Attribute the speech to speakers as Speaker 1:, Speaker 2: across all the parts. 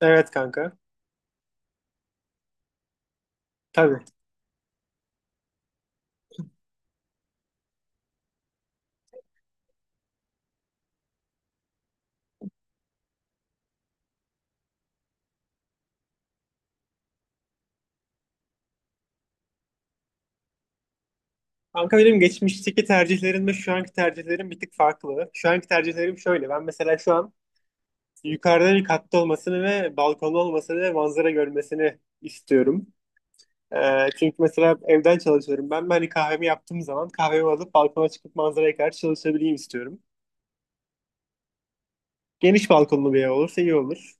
Speaker 1: Evet kanka. Tabii. Kanka benim geçmişteki tercihlerimle şu anki tercihlerim bir tık farklı. Şu anki tercihlerim şöyle. Ben mesela şu an yukarıda bir katta olmasını ve balkonlu olmasını ve manzara görmesini istiyorum. Çünkü mesela evden çalışıyorum. Ben hani kahvemi yaptığım zaman kahvemi alıp balkona çıkıp manzaraya karşı çalışabileyim istiyorum. Geniş balkonlu bir ev olursa iyi olur.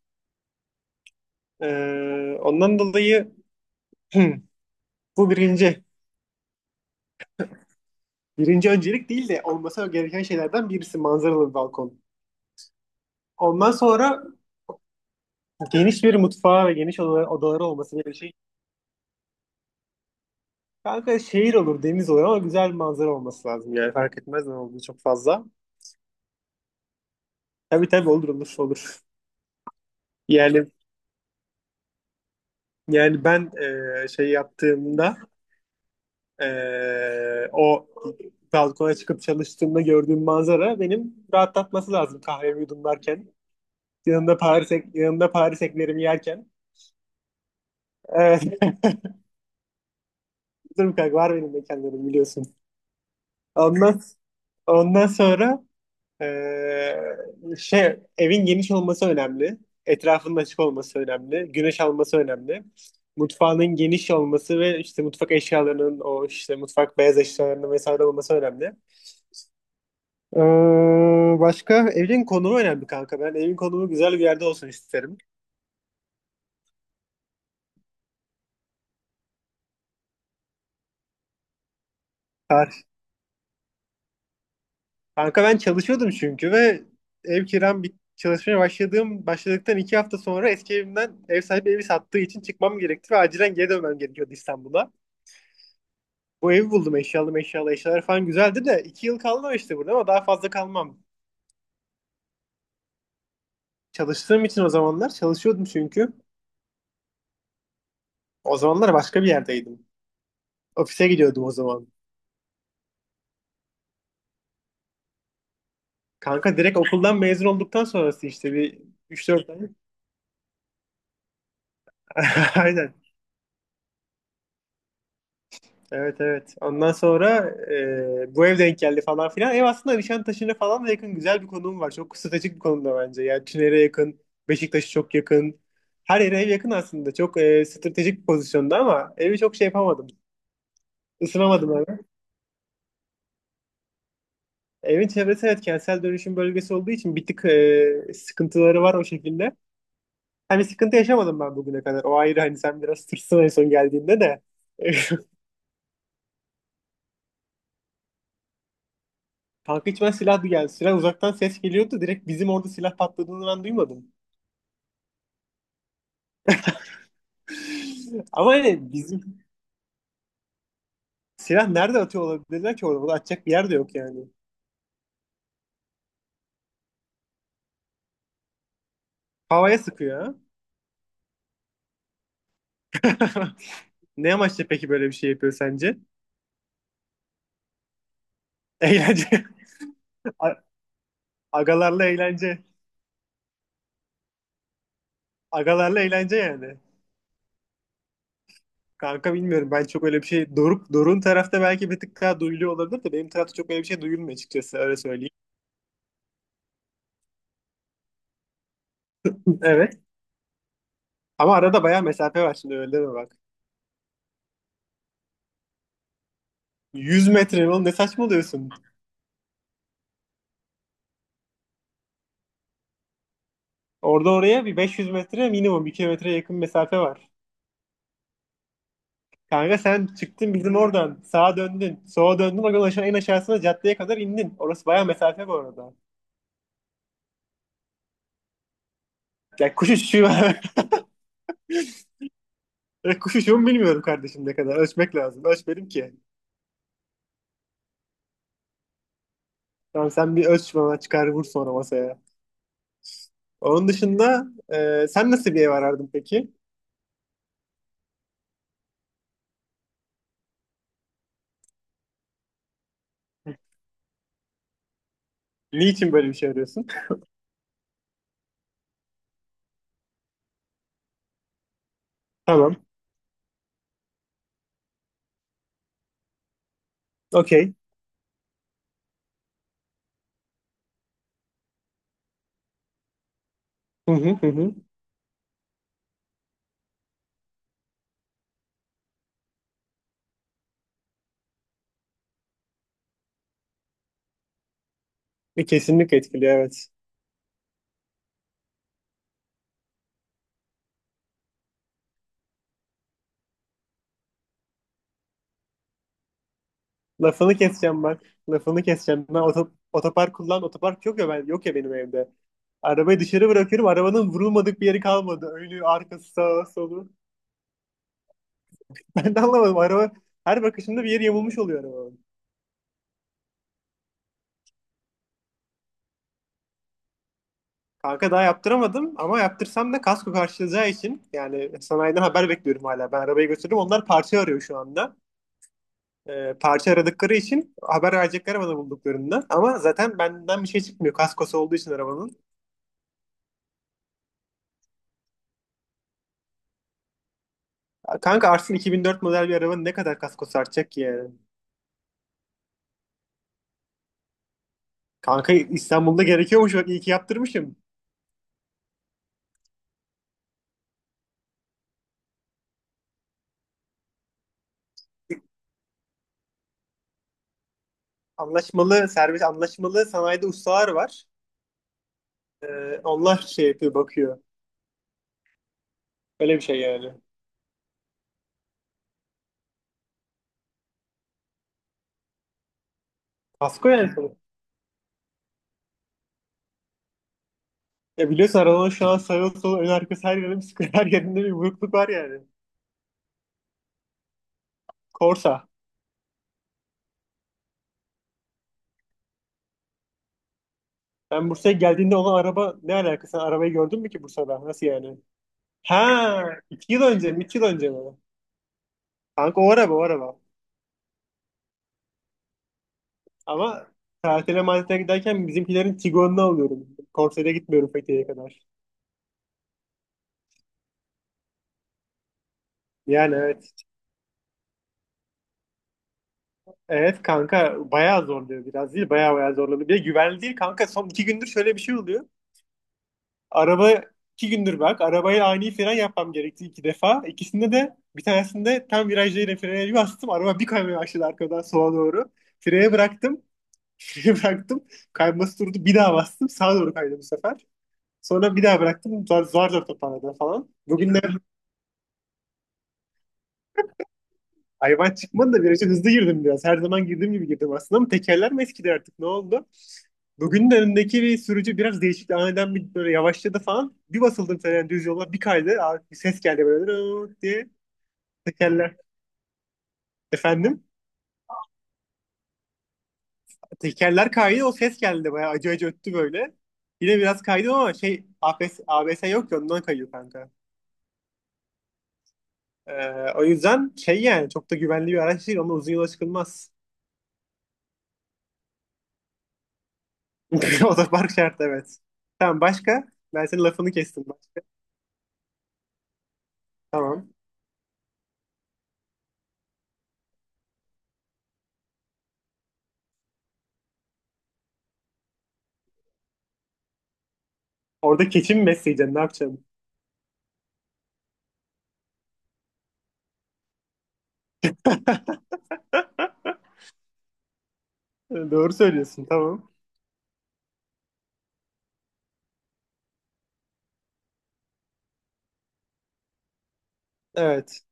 Speaker 1: Ee, Ondan dolayı bu birinci. Birinci öncelik değil de olması gereken şeylerden birisi manzaralı bir balkon. Ondan sonra geniş bir mutfağı ve geniş odaları olması, böyle bir şey. Kanka şehir olur, deniz olur ama güzel bir manzara olması lazım. Yani fark etmez ne olduğu çok fazla. Tabii tabii, olur olur olur. Yani ben e, şey yaptığımda e, o balkona çıkıp çalıştığımda gördüğüm manzara benim rahatlatması lazım kahvemi yudumlarken. Yanında Paris, yanında Paris eklerimi yerken. Evet, dur bir kanka var, benim mekanlarım biliyorsun. Ondan, ondan sonra şey evin geniş olması önemli. Etrafının açık olması önemli. Güneş alması önemli. Mutfağının geniş olması ve işte mutfak eşyalarının, o işte mutfak beyaz eşyalarının vesaire olması önemli. Başka, evin konumu önemli kanka. Ben evin konumu güzel bir yerde olsun isterim. Kar- Kanka ben çalışıyordum çünkü ve ev kiram bit çalışmaya başladığım başladıktan 2 hafta sonra eski evimden ev sahibi evi sattığı için çıkmam gerekti ve acilen geri dönmem gerekiyordu İstanbul'a. Bu evi buldum, eşyalı meşyalı, eşyalar falan güzeldi de 2 yıl kaldım işte burada ama daha fazla kalmam. Çalıştığım için, o zamanlar çalışıyordum çünkü. O zamanlar başka bir yerdeydim. Ofise gidiyordum o zaman. Kanka direkt okuldan mezun olduktan sonrası işte bir 3 4 ay. Aynen. Evet evet. Ondan sonra bu ev denk geldi falan filan. Ev aslında Nişantaşı'na falan da yakın, güzel bir konum var. Çok stratejik bir konumda bence. Yani Tüner'e yakın, Beşiktaş'a çok yakın. Her yere ev yakın aslında. Çok stratejik bir pozisyonda ama evi çok şey yapamadım. Isınamadım abi. Evin çevresi, evet, kentsel dönüşüm bölgesi olduğu için bir tık sıkıntıları var o şekilde. Hani sıkıntı yaşamadım ben bugüne kadar. O ayrı, hani sen biraz tırsın en son geldiğinde de. Kanka hiç, ben silah bir geldi. Silah uzaktan ses geliyordu. Direkt bizim orada silah patladığını ben duymadım. Ama hani bizim silah nerede atıyor olabilirler ki orada? Bunu atacak bir yer de yok yani. Havaya sıkıyor ha. Ne amaçla peki böyle bir şey yapıyor sence? Eğlence. A- Agalarla eğlence. Agalarla eğlence yani. Kanka bilmiyorum, ben çok öyle bir şey, Doruk'un tarafta belki bir tık daha duyuluyor olabilir de benim tarafta çok öyle bir şey duyulmuyor açıkçası, öyle söyleyeyim. Evet. Ama arada bayağı mesafe var şimdi, öyle deme bak. 100 metre mi oğlum, ne saçmalıyorsun? Orada oraya bir 500 metre minimum, bir kilometreye yakın mesafe var. Kanka sen çıktın bizim oradan, sağa döndün, sola döndün, oradan aşağı en aşağısına caddeye kadar indin. Orası bayağı mesafe bu arada. Ya kuş uçuşu var. Ya kuş uçuşu mu, bilmiyorum kardeşim, ne kadar ölçmek lazım. Ölçmedim ki. Tamam, sen bir ölç, bana çıkar vur sonra masaya. Onun dışında sen nasıl bir ev arardın peki? Niçin böyle bir şey arıyorsun? Tamam. Okey. Hı hı hı hı. E, kesinlikle etkiliyor evet. Lafını keseceğim bak. Lafını keseceğim. Ben otopark kullan. Otopark yok ya, ben, yok ya benim evde. Arabayı dışarı bırakıyorum. Arabanın vurulmadık bir yeri kalmadı. Önü, arkası, sağı, solu. Ben de anlamadım. Araba her bakışımda bir yeri yamulmuş oluyor arabanın. Kanka daha yaptıramadım ama yaptırsam da kasko karşılayacağı için, yani sanayiden haber bekliyorum hala. Ben arabayı götürdüm. Onlar parça arıyor şu anda. Parça aradıkları için haber verecekler bana bulduklarında. Ama zaten benden bir şey çıkmıyor. Kaskosu olduğu için arabanın. Kanka Arslan, 2004 model bir arabanın ne kadar kaskosu artacak ki yani? Kanka İstanbul'da gerekiyormuş bak, iyi ki yaptırmışım. Anlaşmalı servis, anlaşmalı sanayide ustalar var. E, onlar şey yapıyor, bakıyor. Öyle bir şey yani. Kasko yani, sonuçta. Ya biliyorsun arabanın şu an sağ sol ön arkası, her yerinde bir sıkıntı, her yerinde bir burukluk var yani. Korsa. Ben Bursa'ya geldiğinde olan araba, ne alakası? Sen arabayı gördün mü ki Bursa'da? Nasıl yani? Ha, 2 yıl önce mi? 2 yıl önce mi? Kanka o araba, o araba. Ama tatile matile giderken bizimkilerin Tiguan'ını alıyorum. Konsere gitmiyorum Fethiye'ye kadar. Yani evet. Evet kanka bayağı zorluyor, biraz değil. Bayağı bayağı zorluyor. Bir de güvenli değil kanka. Son 2 gündür şöyle bir şey oluyor. Araba 2 gündür bak. Arabaya ani fren yapmam gerekti 2 defa. İkisinde de, bir tanesinde tam virajda yine frene bir bastım. Araba bir kaymaya başladı arkadan sola doğru. Freye bıraktım. Freye bıraktım. Kayması durdu. Bir daha bastım. Sağa doğru kaydı bu sefer. Sonra bir daha bıraktım. Zar zar, zor toparladım falan. Bugünler de hayvan çıkmadı da viraja hızlı girdim biraz. Her zaman girdiğim gibi girdim aslında ama tekerler mi eskidi, artık ne oldu? Bugün de önümdeki bir sürücü biraz değişikti. Aniden bir böyle yavaşladı falan. Bir basıldım falan, yani düz yola bir kaydı. Abi bir ses geldi böyle "Rrrt" diye. Tekerler. Efendim? Tekerler kaydı, o ses geldi, bayağı acı acı öttü böyle. Yine biraz kaydım ama şey ABS, ABS yok ya, ondan kayıyor kanka. Ee, o yüzden şey, yani çok da güvenli bir araç değil. Onunla uzun yola çıkılmaz. Otopark şart, evet. Tamam, başka? Ben senin lafını kestim bak. Tamam. Orada keçi mi besleyeceksin? Ne yapacaksın? Doğru söylüyorsun. Tamam. Evet.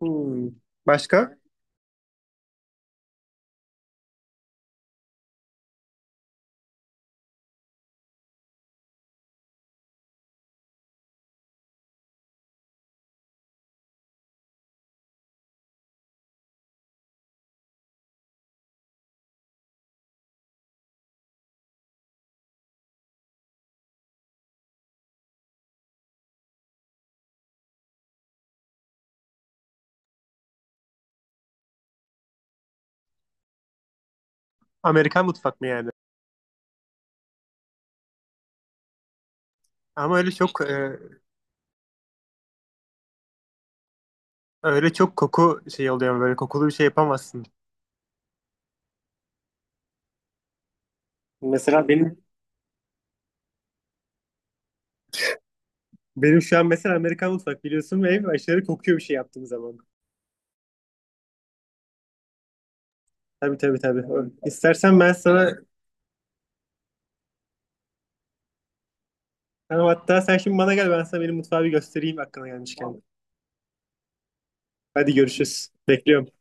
Speaker 1: Hmm. Başka? Amerikan mutfak mı yani? Ama öyle çok öyle çok koku şey oluyor. Böyle kokulu bir şey yapamazsın. Mesela benim şu an mesela Amerikan mutfak biliyorsun ve ev aşırı kokuyor bir şey yaptığım zaman. Tabii tabii tabii. İstersen ben sana tamam, hatta sen şimdi bana gel, ben sana benim mutfağı bir göstereyim aklına gelmişken. Hadi görüşürüz. Bekliyorum.